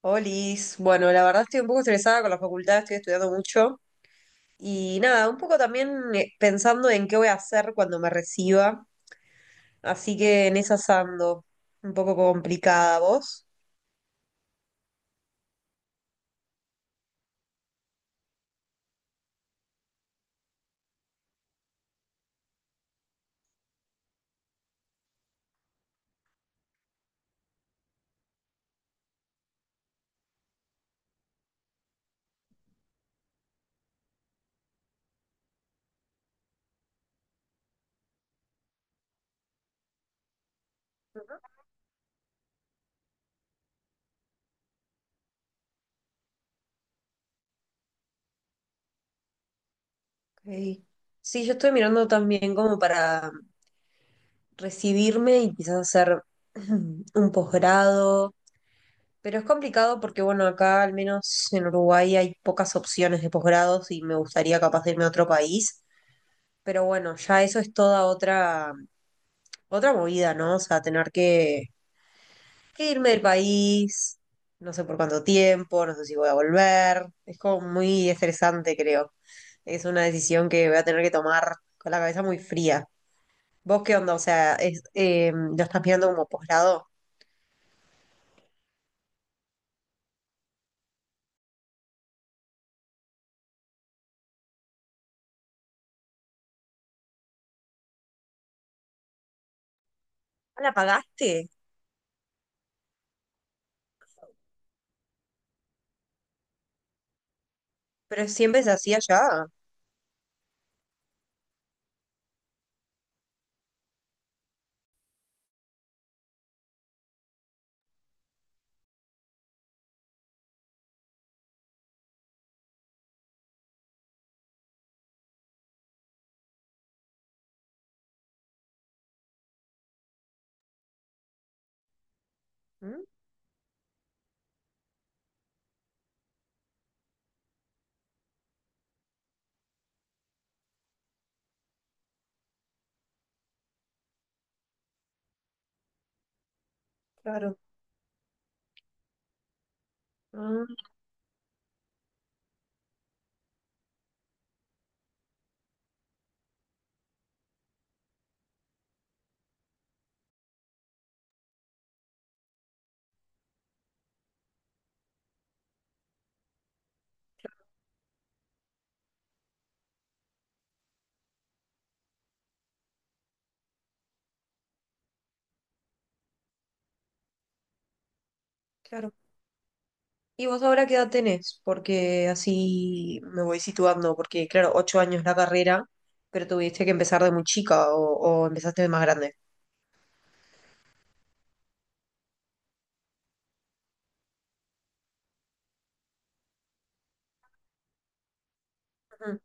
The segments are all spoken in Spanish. Olis, bueno, la verdad estoy un poco estresada con la facultad, estoy estudiando mucho y nada, un poco también pensando en qué voy a hacer cuando me reciba, así que en esas ando, un poco complicada, ¿vos? Ok. Sí, yo estoy mirando también como para recibirme y quizás hacer un posgrado, pero es complicado porque bueno, acá al menos en Uruguay hay pocas opciones de posgrados y me gustaría capaz de irme a otro país, pero bueno, ya eso es toda otra movida, ¿no? O sea, tener que irme del país, no sé por cuánto tiempo, no sé si voy a volver. Es como muy estresante, creo. Es una decisión que voy a tener que tomar con la cabeza muy fría. ¿Vos qué onda? O sea, ¿lo estás mirando como posgrado? Ah, ¿la pagaste? Pero siempre se hacía allá. Mm, claro. Ah, claro. ¿Y vos ahora qué edad tenés? Porque así me voy situando, porque claro, 8 años la carrera, pero tuviste que empezar de muy chica o empezaste de más grande. Ujú.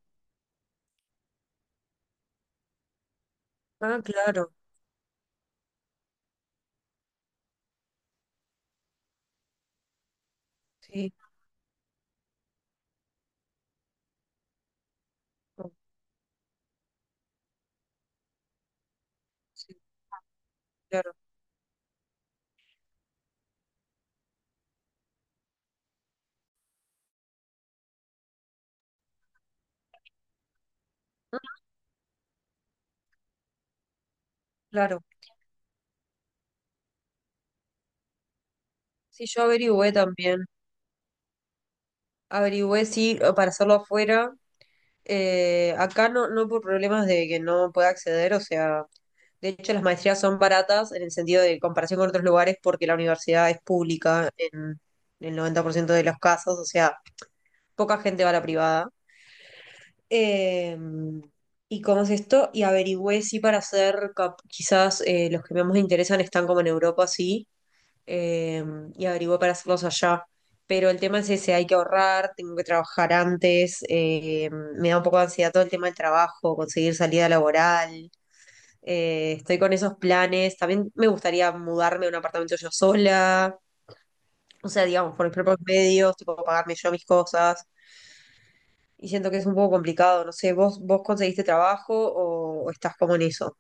Ah, claro, sí, no, sí, claro. Mm, claro, sí, yo averigüé también, averigüé sí para hacerlo afuera, acá no, no por problemas de que no pueda acceder, o sea, de hecho las maestrías son baratas en el sentido de comparación con otros lugares porque la universidad es pública en el 90% de los casos, o sea, poca gente va a la privada. Eh, y cómo es esto, y averigüé si para hacer, quizás los que más me interesan están como en Europa, sí, eh, y averigüé para hacerlos allá. Pero el tema es ese, hay que ahorrar, tengo que trabajar antes, me da un poco de ansiedad todo el tema del trabajo, conseguir salida laboral, estoy con esos planes, también me gustaría mudarme a un apartamento yo sola, o sea, digamos, por mis propios medios, tipo pagarme yo mis cosas. Y siento que es un poco complicado, no sé, ¿vos conseguiste trabajo o estás como en eso?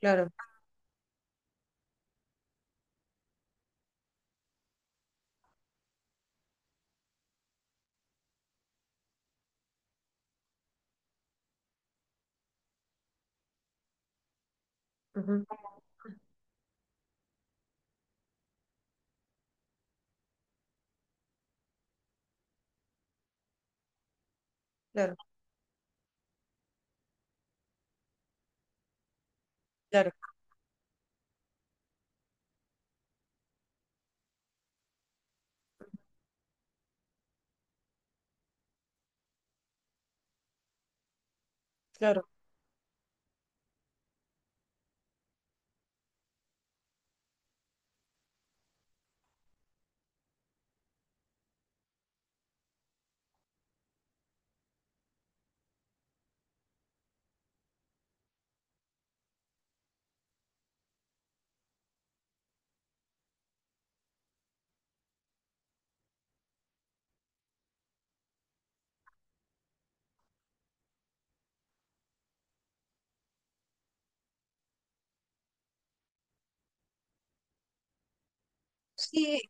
Claro, ujú, claro, claro, claro. Sí,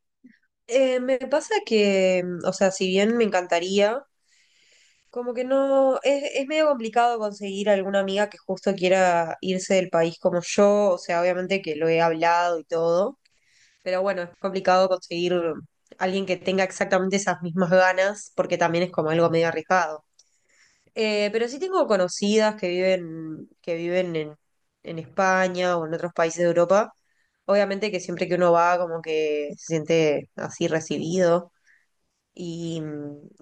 me pasa que, o sea, si bien me encantaría, como que no, es medio complicado conseguir alguna amiga que justo quiera irse del país como yo, o sea, obviamente que lo he hablado y todo, pero bueno, es complicado conseguir alguien que tenga exactamente esas mismas ganas, porque también es como algo medio arriesgado. Pero sí tengo conocidas que viven en España o en otros países de Europa. Obviamente que siempre que uno va, como que se siente así recibido y,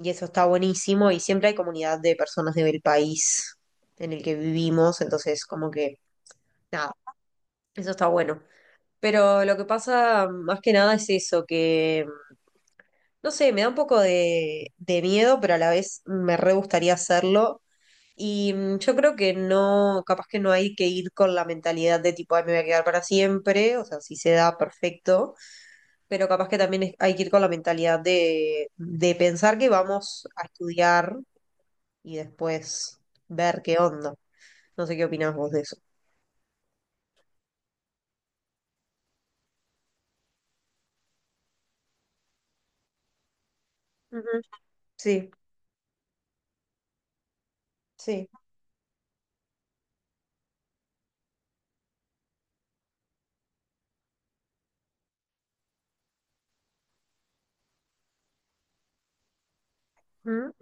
y eso está buenísimo y siempre hay comunidad de personas del país en el que vivimos, entonces como que nada, eso está bueno. Pero lo que pasa más que nada es eso, que no sé, me da un poco de miedo, pero a la vez me re gustaría hacerlo. Y yo creo que no, capaz que no hay que ir con la mentalidad de tipo, ay, me voy a quedar para siempre, o sea, si se da, perfecto, pero capaz que también hay que ir con la mentalidad de pensar que vamos a estudiar y después ver qué onda. No sé qué opinás vos de eso. Ujú, sí, sí, ujú,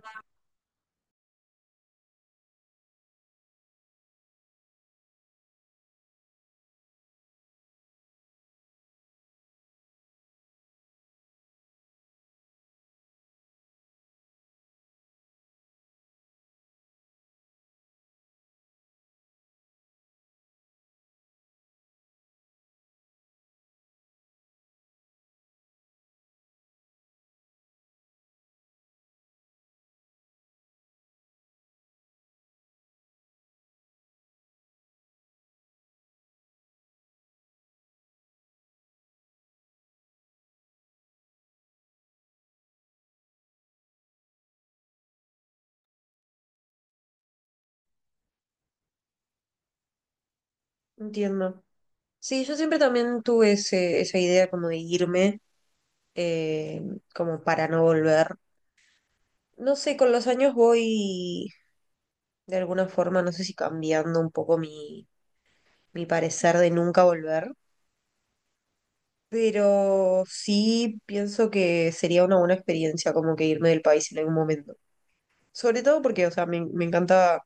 entiendo. Sí, yo siempre también tuve esa idea como de irme, eh, como para no volver. No sé, con los años voy de alguna forma, no sé si cambiando un poco mi parecer de nunca volver, pero sí pienso que sería una buena experiencia como que irme del país en algún momento. Sobre todo porque, o sea, me encanta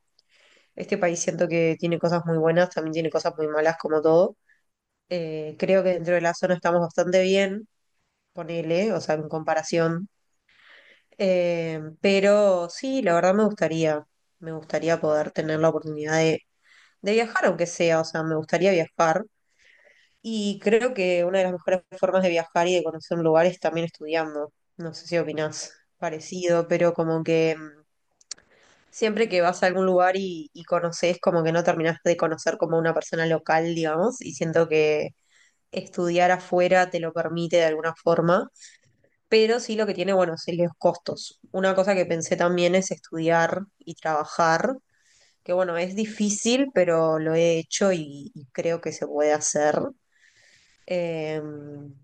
este país, siento que tiene cosas muy buenas, también tiene cosas muy malas como todo. Creo que dentro de la zona estamos bastante bien, ponele, o sea, en comparación. Pero sí, la verdad me gustaría poder tener la oportunidad de viajar, aunque sea, o sea, me gustaría viajar. Y creo que una de las mejores formas de viajar y de conocer un lugar es también estudiando. No sé si opinás parecido, pero como que siempre que vas a algún lugar y conoces, como que no terminás de conocer como una persona local, digamos, y siento que estudiar afuera te lo permite de alguna forma, pero sí lo que tiene, bueno, son los costos. Una cosa que pensé también es estudiar y trabajar, que bueno, es difícil, pero lo he hecho y creo que se puede hacer. Em,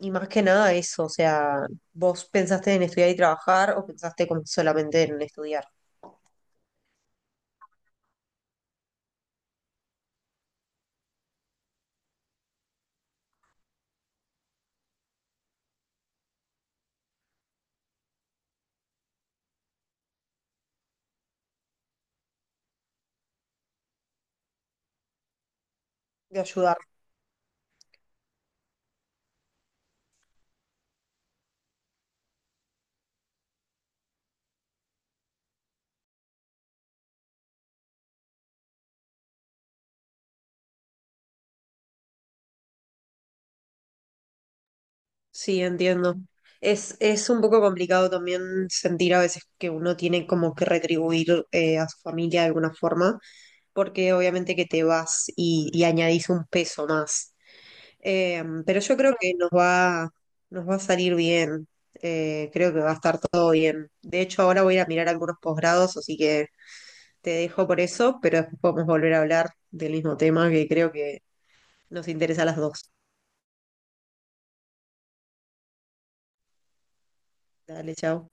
Y más que nada eso, o sea, ¿vos pensaste en estudiar y trabajar o pensaste como solamente en estudiar? De ayudar. Sí, entiendo. Es un poco complicado también sentir a veces que uno tiene como que retribuir a su familia de alguna forma, porque obviamente que te vas y añadís un peso más. Pero yo creo que nos va a salir bien. Creo que va a estar todo bien. De hecho, ahora voy a ir a mirar algunos posgrados, así que te dejo por eso, pero después podemos volver a hablar del mismo tema que creo que nos interesa a las dos. Dale, chao.